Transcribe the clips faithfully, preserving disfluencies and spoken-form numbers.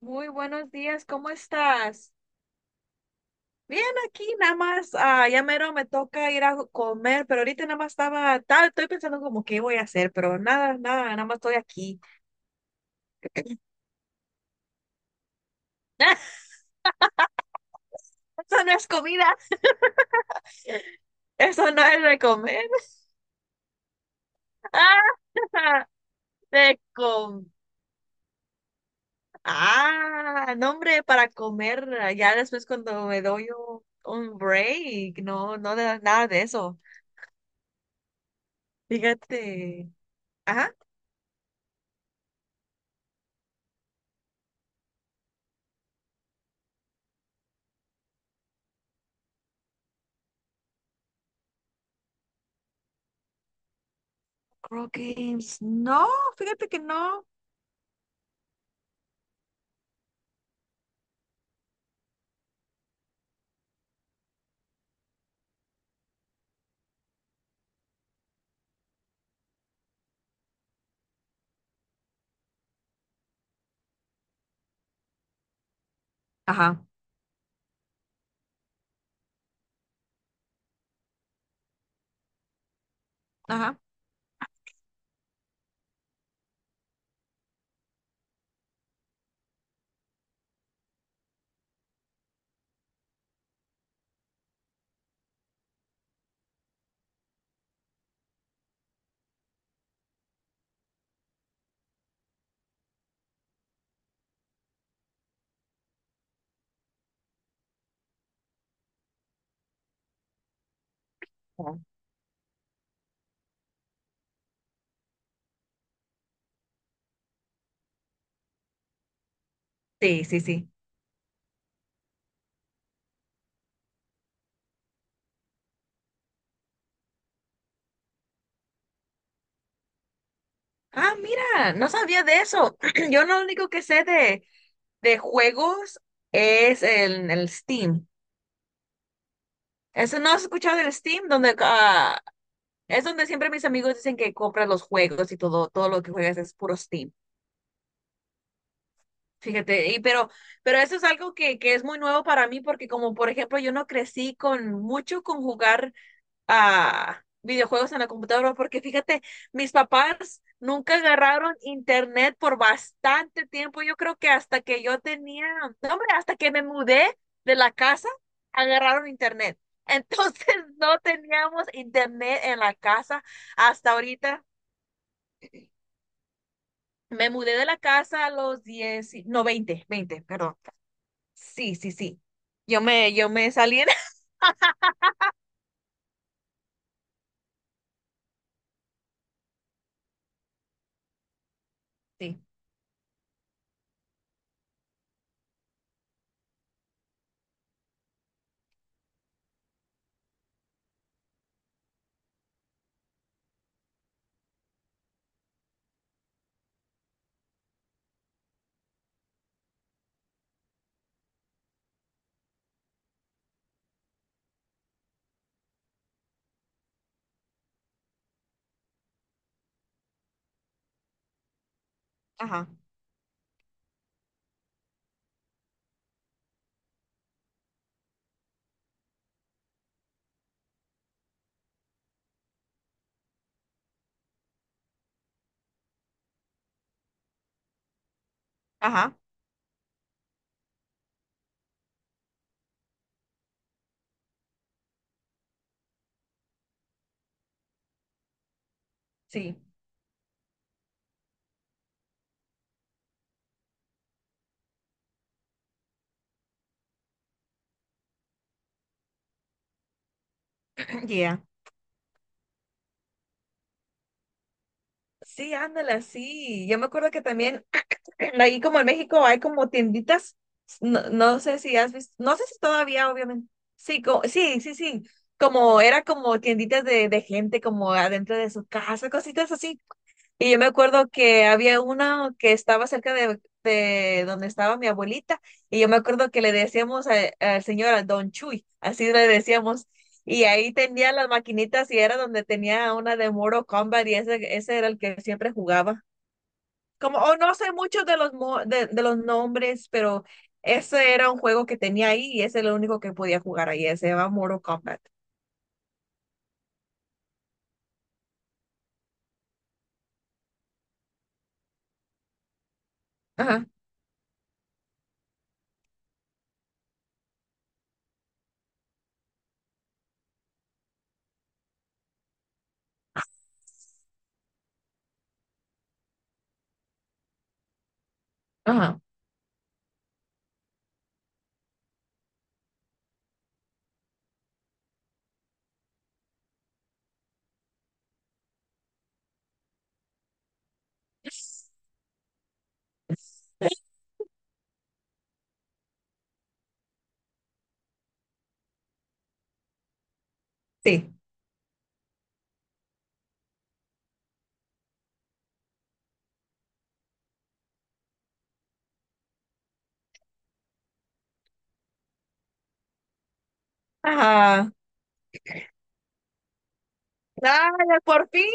Muy buenos días, ¿cómo estás? Bien, aquí nada más, ah, ya mero me toca ir a comer, pero ahorita nada más estaba tal, estoy pensando como qué voy a hacer, pero nada, nada, nada más estoy aquí. Eso no es comida, eso no es de comer. Ah, de com ah, no hombre, para comer, ah, ya después cuando me doy un, un break, no, no de nada de eso. Fíjate, ajá, crow games no, fíjate que no. Ajá, ajá. Ajá. Sí, sí, sí. Ah, mira, no sabía de eso. Yo lo único que sé de, de juegos es el, el Steam. ¿Eso no has escuchado del Steam? Donde, ah, es donde siempre mis amigos dicen que compran los juegos y todo, todo lo que juegas es puro Steam. Fíjate, y pero, pero eso es algo que, que es muy nuevo para mí porque como por ejemplo yo no crecí con mucho con jugar a videojuegos en la computadora, porque fíjate, mis papás nunca agarraron internet por bastante tiempo. Yo creo que hasta que yo tenía, no, hombre, hasta que me mudé de la casa, agarraron internet. Entonces no teníamos internet en la casa hasta ahorita. Me mudé de la casa a los diez y- no, veinte veinte perdón. Sí, sí, sí. Yo me, yo me salí en... Sí, ajá, ajá, sí, yeah. Sí, ándala, sí. Yo me acuerdo que también. Aquí como en México hay como tienditas, no, no sé si has visto, no sé si todavía, obviamente. Sí, co- sí, sí, sí. Como era como tienditas de, de gente como adentro de su casa, cositas así. Y yo me acuerdo que había una que estaba cerca de, de donde estaba mi abuelita, y yo me acuerdo que le decíamos a- al señor, al Don Chuy, así le decíamos, y ahí tenía las maquinitas y era donde tenía una de Mortal Kombat y ese, ese era el que siempre jugaba. Como, o no sé mucho de los, mo- de, de los nombres, pero ese era un juego que tenía ahí y ese es lo único que podía jugar ahí. Se llama Mortal Kombat. Ajá, ajá, sí. Ajá. ¡Ay, por fin!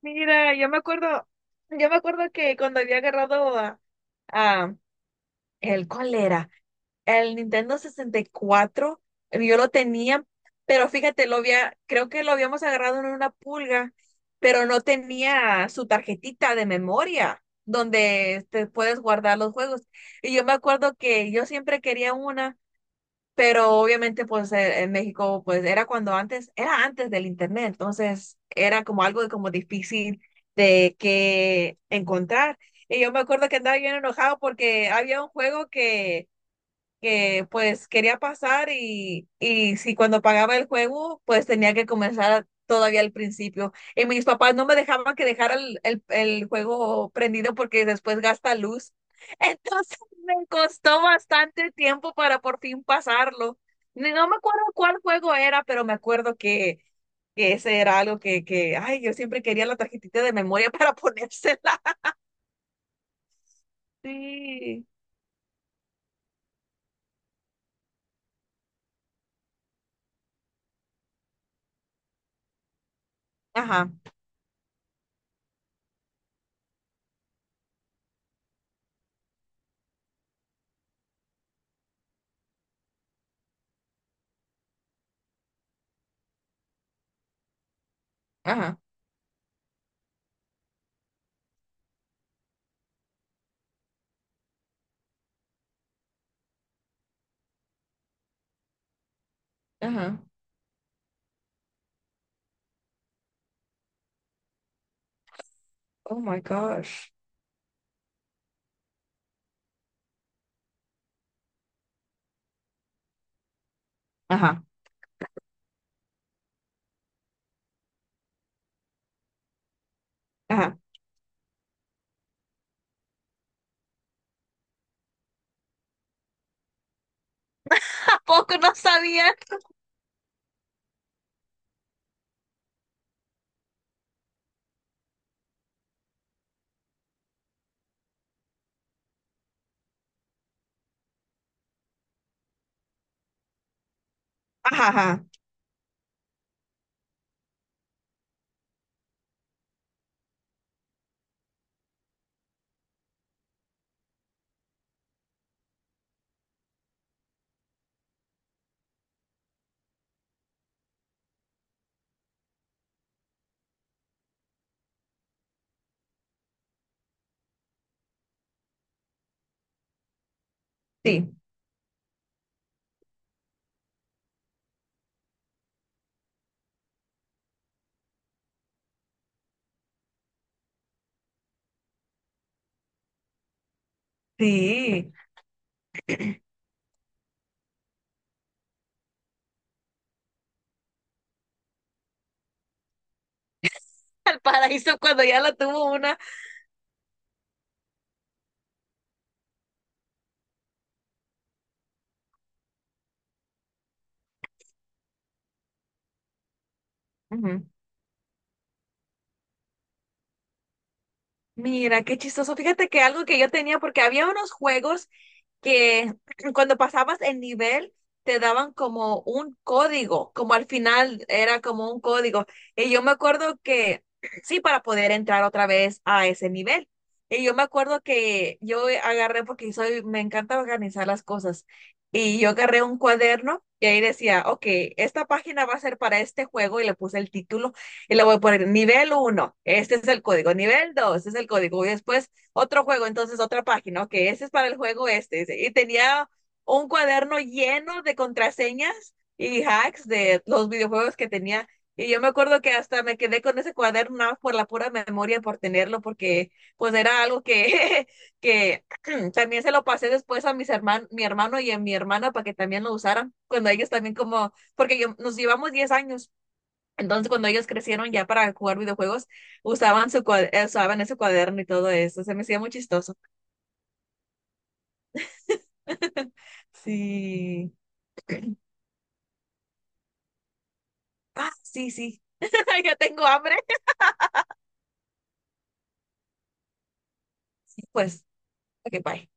Mira, yo me acuerdo, yo me acuerdo que cuando había agarrado a, a, ¿el cuál era? El Nintendo sesenta y cuatro, eh, yo lo tenía, pero fíjate, lo había, creo que lo habíamos agarrado en una pulga, pero no tenía su tarjetita de memoria donde te puedes guardar los juegos. Y yo me acuerdo que yo siempre quería una, pero obviamente pues eh, en México pues era cuando antes, era antes del internet, entonces era como algo de como difícil de que encontrar. Y yo me acuerdo que andaba bien enojado porque había un juego que que pues quería pasar, y, y si cuando pagaba el juego, pues tenía que comenzar todavía al principio. Y mis papás no me dejaban que dejara el, el, el juego prendido porque después gasta luz. Entonces me costó bastante tiempo para por fin pasarlo. Ni- no me acuerdo cuál juego era, pero me acuerdo que, que ese era algo que, que, ay, yo siempre quería la tarjetita de memoria para ponérsela. Sí. Ajá, ajá, ajá. Oh my gosh. Ajá. Ajá. Poco no sabían. Ajá, ajá, sí, sí. Al paraíso cuando ya lo tuvo una. Ujú. Mira, qué chistoso. Fíjate que algo que yo tenía, porque había unos juegos que cuando pasabas el nivel te daban como un código, como al final era como un código. Y yo me acuerdo que, sí, para poder entrar otra vez a ese nivel. Y yo me acuerdo que yo agarré, porque soy, me encanta organizar las cosas, y yo agarré un cuaderno y ahí decía, ok, esta página va a ser para este juego y le puse el título, y le voy a poner nivel uno este es el código, nivel dos este es el código, y después otro juego, entonces otra página, ok, este es para el juego este, y tenía un cuaderno lleno de contraseñas y hacks de los videojuegos que tenía. Y yo me acuerdo que hasta me quedé con ese cuaderno nada más por la pura memoria, por tenerlo, porque pues era algo que, que también se lo pasé después a mis hermanos, mi hermano y a mi hermana para que también lo usaran, cuando ellos también como, porque yo, nos llevamos diez años. Entonces, cuando ellos crecieron ya para jugar videojuegos, usaban su cua- eh, usaban ese cuaderno y todo eso. Se me hacía muy chistoso. Sí. Ah, sí, sí. Ya tengo hambre. Pues, ok, bye.